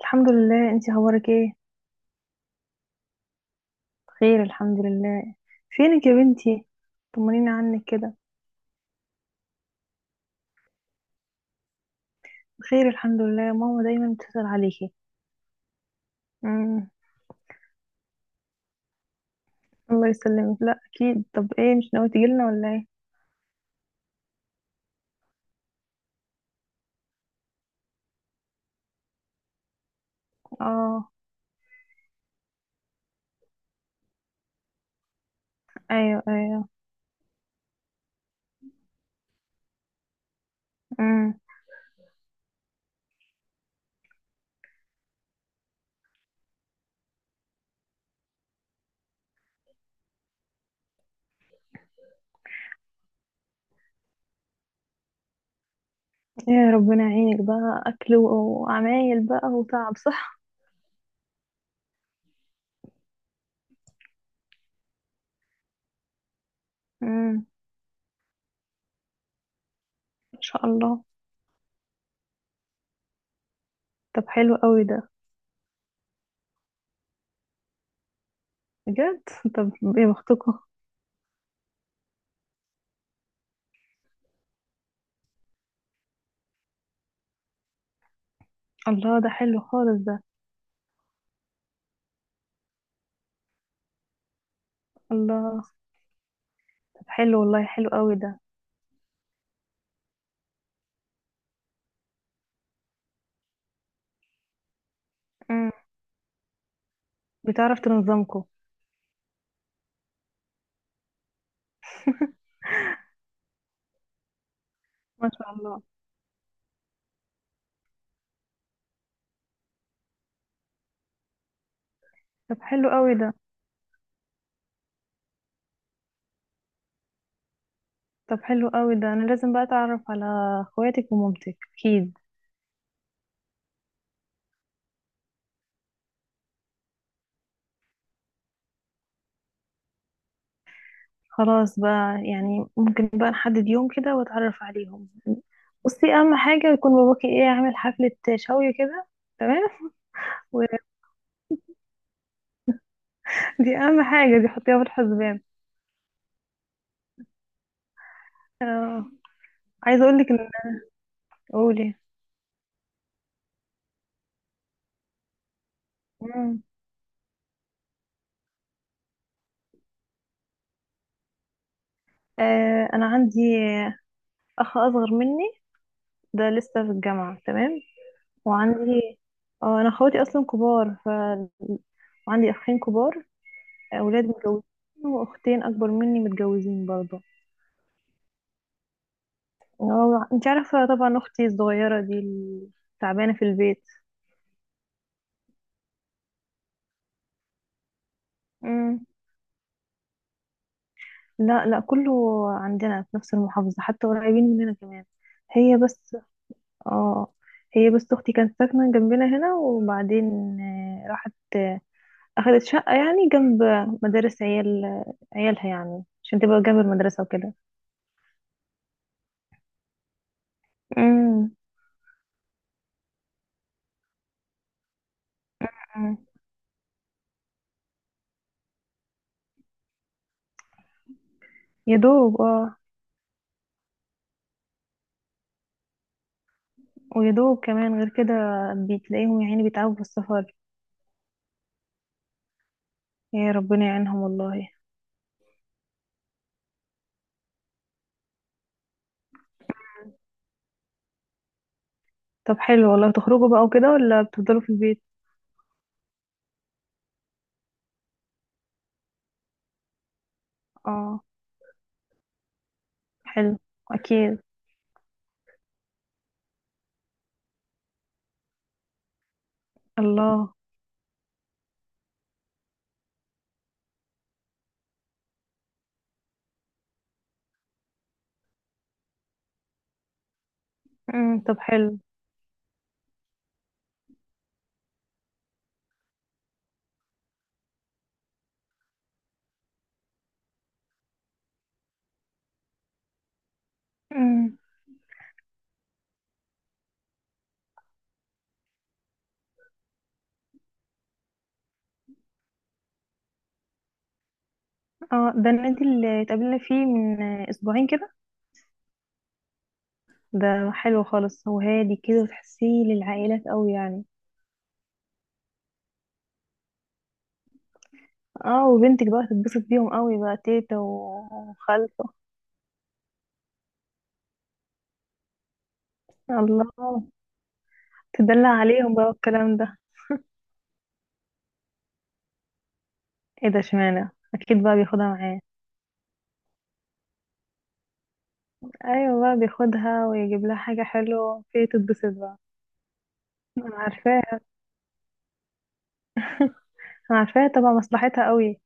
الحمد لله. انتي اخبارك ايه؟ بخير الحمد لله. فينك يا بنتي؟ طمنيني عنك كده. بخير الحمد لله. ماما دايما بتسأل عليكي. امم. الله يسلمك، لا اكيد. طب ايه، مش ناوي تجيلنا ولا ايه؟ اه، ايوه ايوه. امم. يا ربنا يعينك بقى، اكل وعمايل بقى وتعب، صح؟ امم. ان شاء الله. طب حلو قوي ده. بجد. طب ايه بختكم؟ الله، ده حلو خالص ده. الله. طب حلو والله، حلو قوي ده. امم. بتعرف تنظمكم؟ ما شاء الله. طب حلو قوي ده. طب حلو قوي ده، انا لازم بقى اتعرف على اخواتك ومامتك اكيد. خلاص بقى، يعني ممكن بقى نحدد يوم كده واتعرف عليهم. بصي، اهم حاجه يكون باباكي ايه، عامل حفله شوي كده، تمام؟ ودي اهم حاجه، دي حطيها في الحسبان. آه. عايزه اقول لك ان. قولي. مم. آه، انا عندي اخ اصغر مني، ده لسه في الجامعه، تمام. وعندي، اه انا اخواتي اصلا كبار، وعندي اخين كبار، اولاد متجوزين، واختين اكبر مني متجوزين برضه. اه، انت عارفه طبعا اختي الصغيره دي اللي تعبانه في البيت. امم. لا لا، كله عندنا في نفس المحافظه، حتى قريبين مننا كمان. هي بس اه هي بس اختي كانت ساكنه جنبنا هنا، وبعدين راحت، اخدت شقه يعني جنب مدارس عيالها، يعني عشان تبقى جنب المدرسه وكده. امم. يا دوب اه. ويدوب كمان غير كده بتلاقيهم يا عيني بيتعبوا في السفر. يا ربنا يعينهم والله. طب حلو والله، تخرجوا بقى وكده ولا بتفضلوا في البيت؟ اه. حلو. اكيد. الله. طب حلو. امم. اه، ده النادي اللي اتقابلنا فيه من اسبوعين كده. ده حلو خالص، هو هادي كده وتحسيه للعائلات قوي يعني. اه، وبنتك بقى تتبسط بيهم قوي بقى، تيتا وخالته. الله. تدلع عليهم بقى والكلام ده. ايه ده، اشمعنى؟ اكيد بقى بياخدها معاه. ايوه بقى بياخدها ويجيب لها حاجة حلوة فهي تتبسط بقى. انا عارفاها. انا عارفاها طبعا، مصلحتها قوي.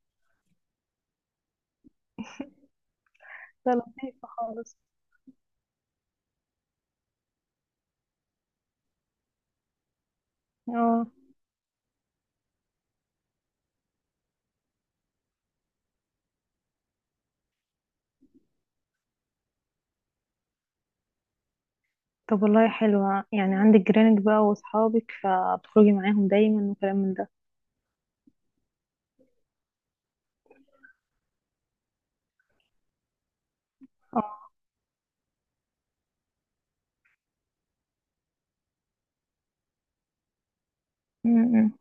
ده لطيفة خالص. اه، طب والله حلوة، يعني عندك جيرانك بقى واصحابك فبتخرجي معاهم دايما وكلام من ده. اه. م-م.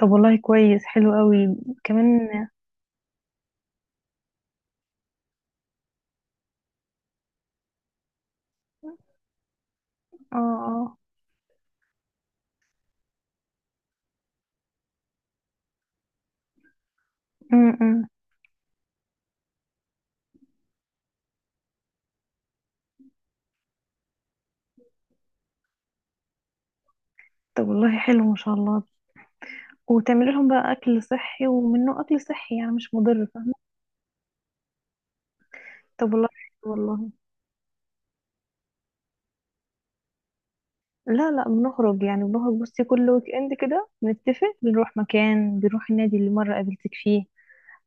طب والله كويس، حلو قوي. كمان. اه اه. م-م. طب والله حلو، ما شاء الله. وتعملي لهم بقى اكل صحي، ومنه اكل صحي يعني مش مضر، فاهمة؟ طب والله حلو والله. لا لا، بنخرج يعني، بنخرج بصي كل ويك اند كده، بنتفق بنروح مكان، بنروح النادي اللي مرة قابلتك فيه.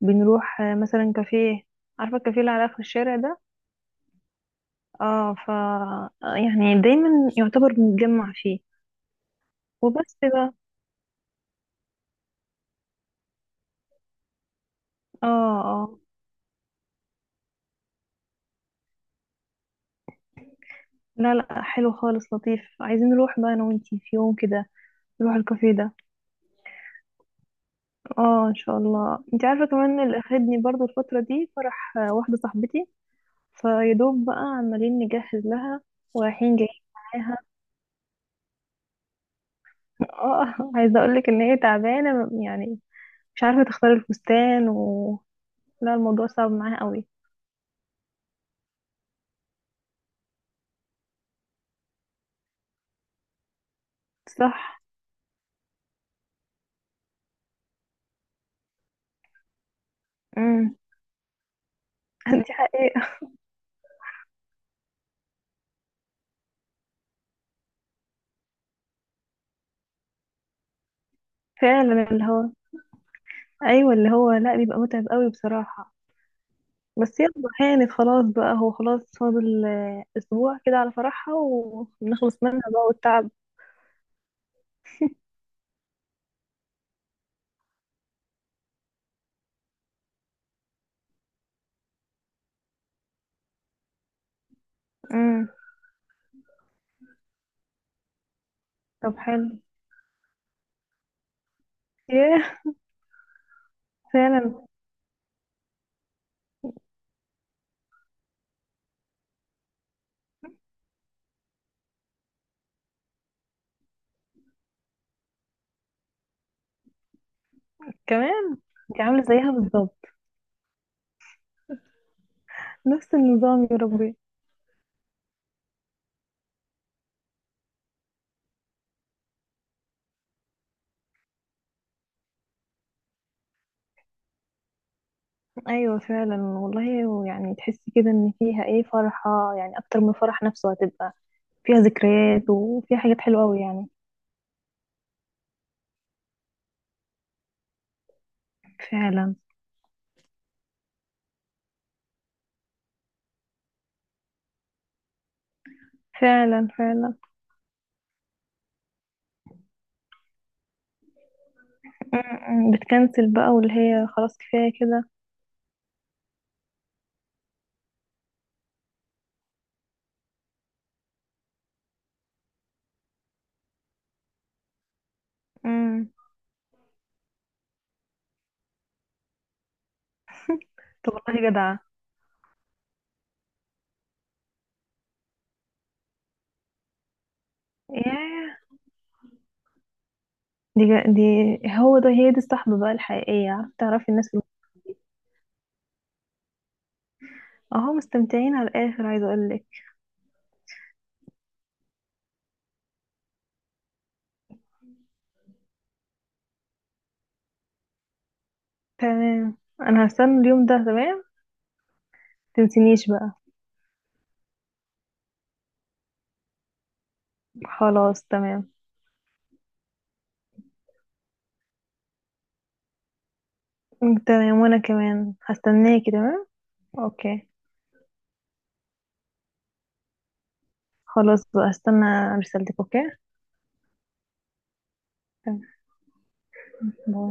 بنروح مثلا كافيه. عارفة الكافيه اللي على آخر الشارع ده؟ اه، ف آه، يعني دايما يعتبر بنتجمع فيه. وبس بقى. اه اه. لا لا، حلو خالص لطيف. عايزين نروح بقى انا وانتي في يوم كده، نروح الكافيه ده. اه ان شاء الله. انت عارفة كمان اللي اخدني برضو الفترة دي فرح واحدة صاحبتي، فيدوب بقى عمالين نجهز لها ورايحين جايين. اه، عايزه اقول لك ان هي تعبانه يعني، مش عارفه تختار الفستان و. لا، الموضوع صعب معاها قوي. صح. امم. دي حقيقه. فعلا اللي هو. ايوه اللي هو، لا بيبقى متعب قوي بصراحه. بس يلا، هانت خلاص بقى، هو خلاص فاضل اسبوع كده على فرحها ونخلص منها بقى والتعب. امم. طب حلو. ياه. فعلا. كمان. انت عامله زيها بالظبط، نفس النظام يا ربي. ايوه فعلا والله. يعني تحسي كده ان فيها ايه، فرحة يعني اكتر من الفرح نفسه، هتبقى فيها ذكريات وفيها حاجات حلوة قوي يعني. فعلا فعلا. فعلا. م- م. بتكنسل بقى واللي هي خلاص كفاية كده. م. طب والله جدعة. ياه. دي، هو ده، هي دي الصحبة بقى الحقيقية، عارفة؟ تعرفي الناس اللي. اهو مستمتعين على الاخر، عايزة اقولك. تمام، انا هستنى اليوم ده، تمام. تنسينيش بقى. خلاص، تمام. تمام، وانا كمان هستناكي، تمام. اوكي. خلاص بقى، استنى رسالتك. اوكي. تمام. باي.